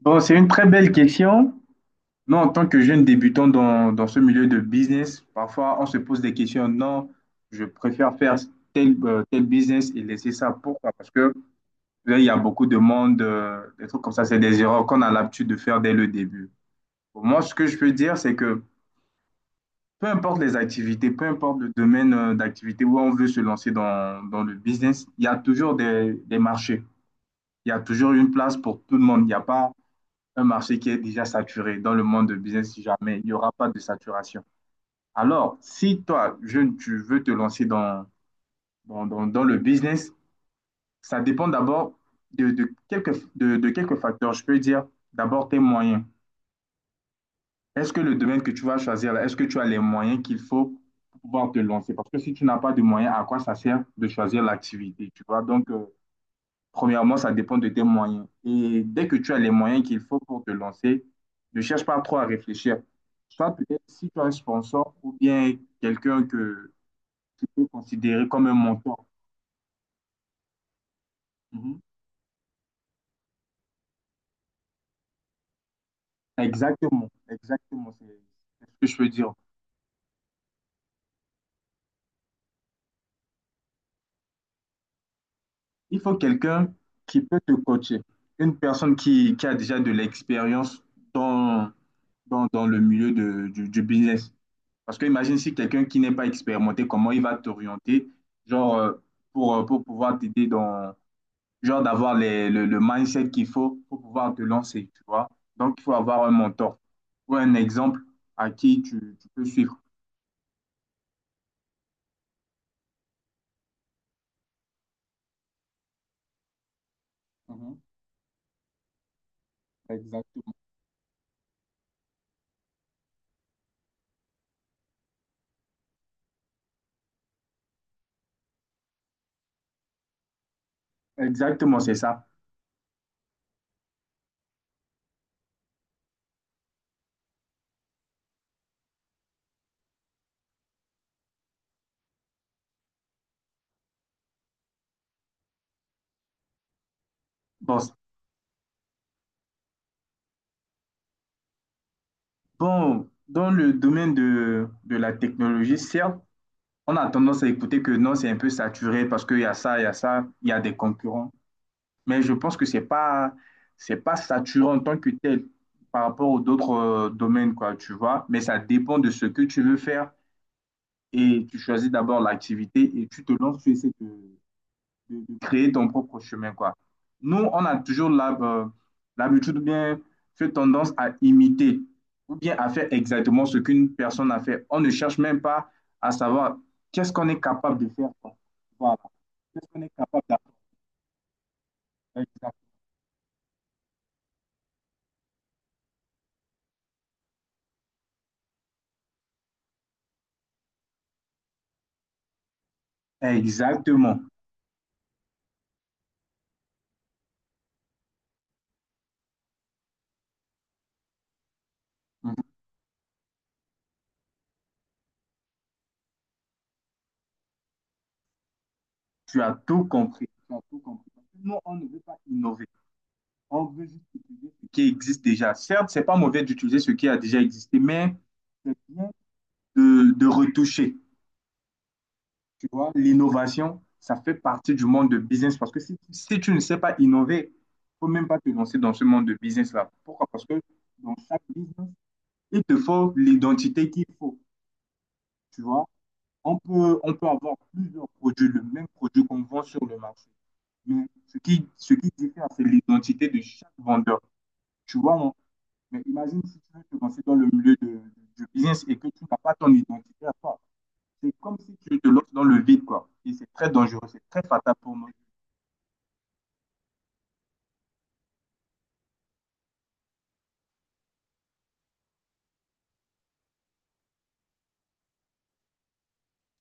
Bon, c'est une très belle question. Nous, en tant que jeunes débutants dans ce milieu de business, parfois on se pose des questions. Non, je préfère faire tel business et laisser ça. Pourquoi? Parce que là, il y a beaucoup de monde, des trucs comme ça, c'est des erreurs qu'on a l'habitude de faire dès le début. Pour moi, ce que je peux dire, c'est que peu importe les activités, peu importe le domaine d'activité où on veut se lancer dans le business, il y a toujours des marchés. Il y a toujours une place pour tout le monde. Il n'y a pas un marché qui est déjà saturé. Dans le monde de business, si jamais, il n'y aura pas de saturation. Alors, si toi, jeune, tu veux te lancer dans le business, ça dépend d'abord de quelques facteurs. Je peux dire d'abord tes moyens. Est-ce que le domaine que tu vas choisir, est-ce que tu as les moyens qu'il faut pour pouvoir te lancer? Parce que si tu n'as pas de moyens, à quoi ça sert de choisir l'activité, tu vois? Donc, premièrement, ça dépend de tes moyens. Et dès que tu as les moyens qu'il faut pour te lancer, ne cherche pas trop à réfléchir. Soit peut-être si tu as un sponsor ou bien quelqu'un que tu peux considérer comme un mentor. Mhm. Exactement, exactement, c'est ce que je veux dire. Il faut quelqu'un qui peut te coacher, une personne qui a déjà de l'expérience dans, dans le milieu du business. Parce que imagine si quelqu'un qui n'est pas expérimenté, comment il va t'orienter, genre, pour pouvoir t'aider dans, genre, d'avoir le mindset qu'il faut pour pouvoir te lancer, tu vois. Donc, il faut avoir un mentor ou un exemple à qui tu peux suivre. Mhm. Exactement. Exactement, c'est ça. Bon, bon, dans le domaine de la technologie, certes, on a tendance à écouter que non, c'est un peu saturé parce qu'il y a ça, il y a ça, il y a des concurrents, mais je pense que c'est pas saturant en tant que tel par rapport aux d'autres domaines, quoi, tu vois. Mais ça dépend de ce que tu veux faire et tu choisis d'abord l'activité et tu te lances, tu essaies de créer ton propre chemin, quoi. Nous, on a toujours l'habitude ou bien fait tendance à imiter ou bien à faire exactement ce qu'une personne a fait. On ne cherche même pas à savoir qu'est-ce qu'on est capable de faire, quoi. Voilà. Qu'est-ce qu'on est capable d'apprendre. Exactement. Tu as tout compris. Tu as tout compris. Non, on ne veut pas innover. On veut juste utiliser ce qui existe déjà. Certes, c'est pas mauvais d'utiliser ce qui a déjà existé, mais c'est bien de retoucher. Tu vois, l'innovation, ça fait partie du monde de business parce que si tu ne sais pas innover, il ne faut même pas te lancer dans ce monde de business-là. Pourquoi? Parce que dans chaque business, il te faut l'identité qu'il faut. Tu vois, on peut avoir plusieurs produits, le même produit qu'on vend sur le marché. Mais ce qui diffère, c'est l'identité de chaque vendeur. Tu vois, mais imagine si tu veux te lancer dans le milieu du business et que tu n'as pas ton identité à toi. C'est comme si tu te lances dans le vide, quoi. Et c'est très dangereux, c'est très fatal pour nous.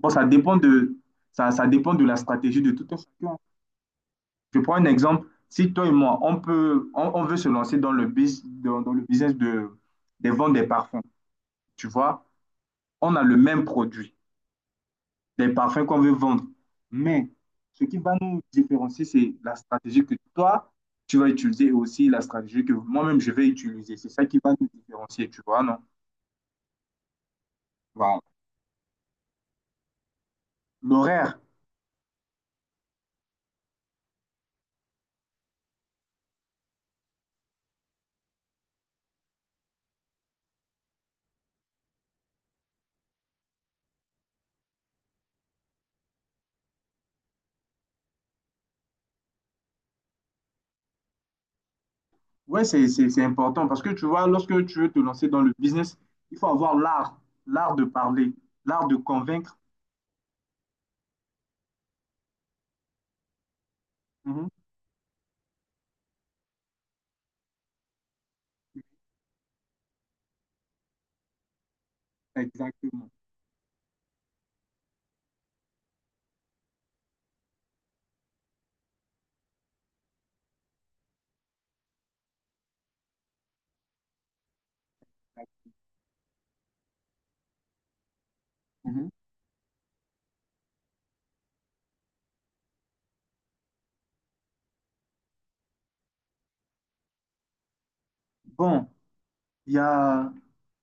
Bon, ça dépend de la stratégie de tout un chacun. Je prends un exemple. Si toi et moi, on veut se lancer dans dans le business des ventes des parfums, tu vois, on a le même produit des parfums qu'on veut vendre. Mais ce qui va nous différencier, c'est la stratégie que toi, tu vas utiliser et aussi la stratégie que moi-même, je vais utiliser. C'est ça qui va nous différencier, tu vois, non? Voilà. L'horaire, ouais, c'est important parce que tu vois, lorsque tu veux te lancer dans le business, il faut avoir l'art, l'art de parler, l'art de convaincre. Mhm. Exactement. Mhm. Bon, il y a,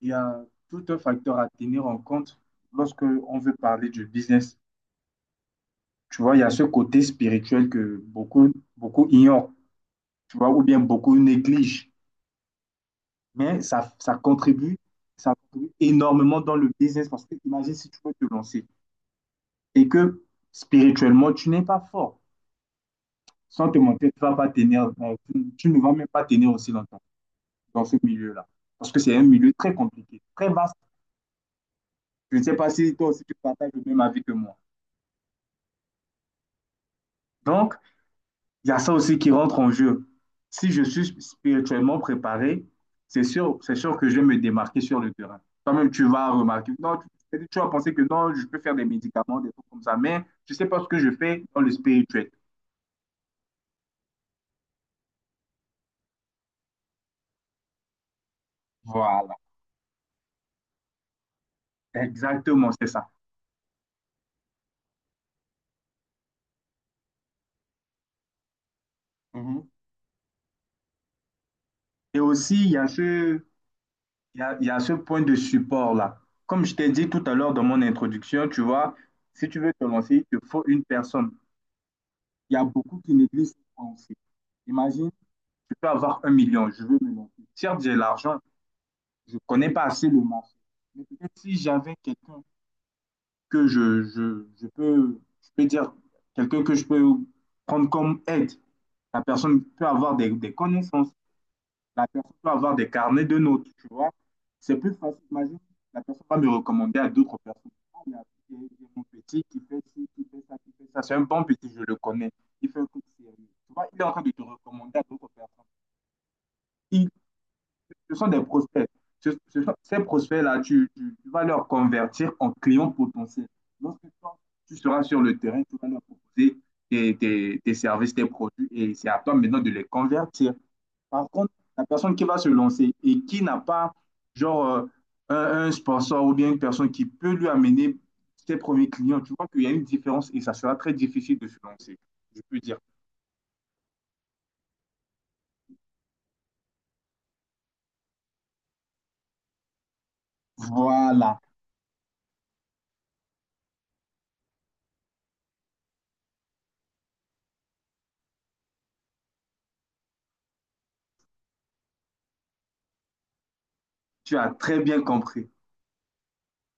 il y a tout un facteur à tenir en compte lorsque on veut parler du business. Tu vois, il y a ce côté spirituel que beaucoup, beaucoup ignorent, tu vois, ou bien beaucoup négligent. Mais ça contribue énormément dans le business parce que imagine si tu veux te lancer et que spirituellement, tu n'es pas fort. Sans te mentir, tu vas pas tenir, tu ne vas même pas tenir aussi longtemps dans ce milieu-là. Parce que c'est un milieu très compliqué, très vaste. Je ne sais pas si toi aussi tu partages le même avis que moi. Donc, il y a ça aussi qui rentre en jeu. Si je suis spirituellement préparé, c'est sûr que je vais me démarquer sur le terrain. Toi-même, tu vas remarquer. Non, tu vas penser que non, je peux faire des médicaments, des trucs comme ça, mais je ne sais pas ce que je fais dans le spirituel. Voilà, exactement, c'est ça. Mhm. Et aussi, il y a ce, il y a ce point de support-là. Comme je t'ai dit tout à l'heure dans mon introduction, tu vois, si tu veux te lancer, il te faut une personne. Il y a beaucoup qui négligent ça aussi. Imagine, je peux avoir 1 million, je veux me lancer. Certes, j'ai l'argent, je ne connais pas assez le marché. Mais peut-être si j'avais quelqu'un que je peux dire, quelqu'un que je peux prendre comme aide, la personne peut avoir des connaissances, la personne peut avoir des carnets de notes, tu vois. C'est plus facile, imagine, la personne va me recommander à d'autres personnes. Ah, il a- il y a- il y a mon petit qui fait ci, qui fait ça, qui fait ça. C'est un bon petit, je le connais. Il fait un truc sérieux. Tu vois, il est en train de te recommander à d'autres personnes. Il Ce sont des prospects. Ces prospects-là, tu vas leur convertir en clients potentiels. Lorsque toi, tu seras sur le terrain, tu vas leur proposer tes services, tes produits, et c'est à toi maintenant de les convertir. Par contre, la personne qui va se lancer et qui n'a pas, genre, un sponsor ou bien une personne qui peut lui amener ses premiers clients, tu vois qu'il y a une différence et ça sera très difficile de se lancer. Je peux dire, voilà, tu as très bien compris.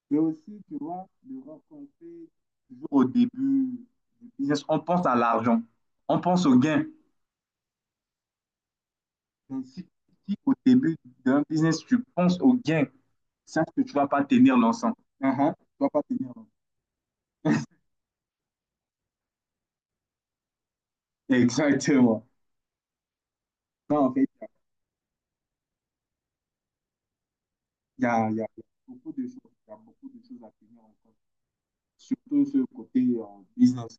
Mais aussi, tu vois, de rencontrer toujours au début du business, on pense à l'argent, on pense au gain. Mais si au début d'un business, tu penses au gain, sache que tu ne vas pas tenir l'ensemble. Mhm. Tu ne vas pas tenir, hein. Exactement. Non, en fait, il y a, il y a- il y a beaucoup de choses. Il y a beaucoup de choses à tenir en compte. Surtout ce côté business.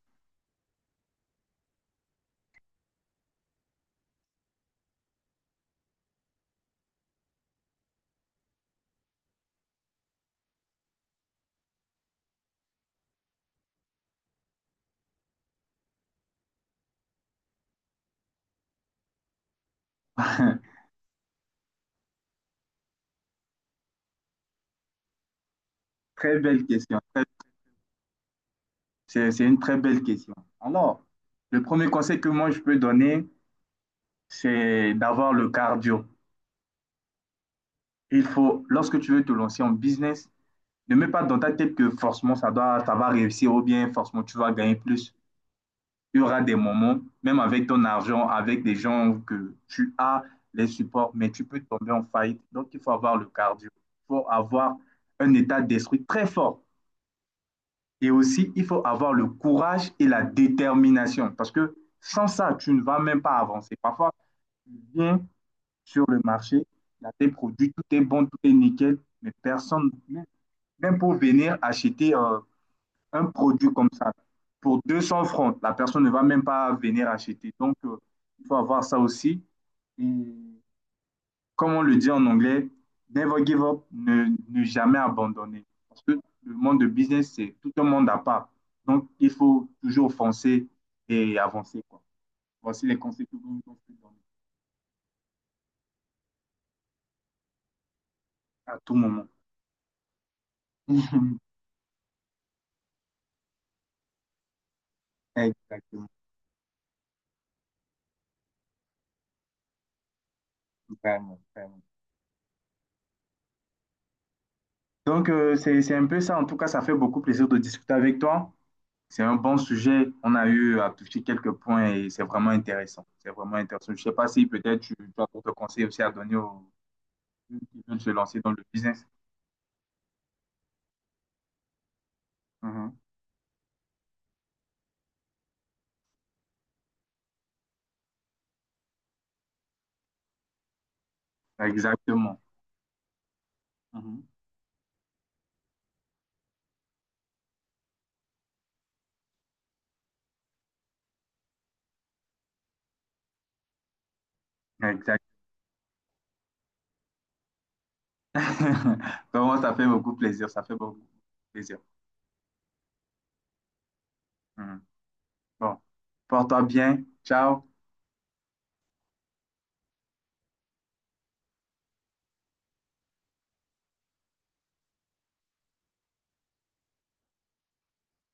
Très belle question. C'est une très belle question. Alors, le premier conseil que moi je peux donner, c'est d'avoir le cardio. Il faut, lorsque tu veux te lancer en business, ne mets pas dans ta tête que forcément ça va réussir ou bien forcément tu vas gagner plus. Il y aura des moments, même avec ton argent, avec des gens que tu as, les supports, mais tu peux tomber en faillite. Donc, il faut avoir le cardio. Il faut avoir un état d'esprit très fort. Et aussi, il faut avoir le courage et la détermination. Parce que sans ça, tu ne vas même pas avancer. Parfois, tu viens sur le marché. Il y a des produits, tout est bon, tout est nickel, mais personne, même pour venir acheter un produit comme ça, pour 200 francs, la personne ne va même pas venir acheter. Donc, il faut avoir ça aussi. Et comme on le dit en anglais, never give up, ne jamais abandonner. Parce que le monde de business, c'est tout un monde à part. Donc, il faut toujours foncer et avancer. Quoi. Voici les conseils que vous nous donner à tout moment. Exactement. Vraiment, vraiment. Donc, c'est un peu ça. En tout cas, ça fait beaucoup plaisir de discuter avec toi. C'est un bon sujet. On a eu à toucher quelques points et c'est vraiment intéressant. C'est vraiment intéressant. Je ne sais pas si peut-être tu as d'autres conseils aussi à donner aux gens qui veulent se lancer dans le business. Mhm. Exactement. Mhm. Exact. Vraiment, ça fait beaucoup plaisir. Ça fait beaucoup plaisir. Mhm. Bon, porte-toi bien. Ciao.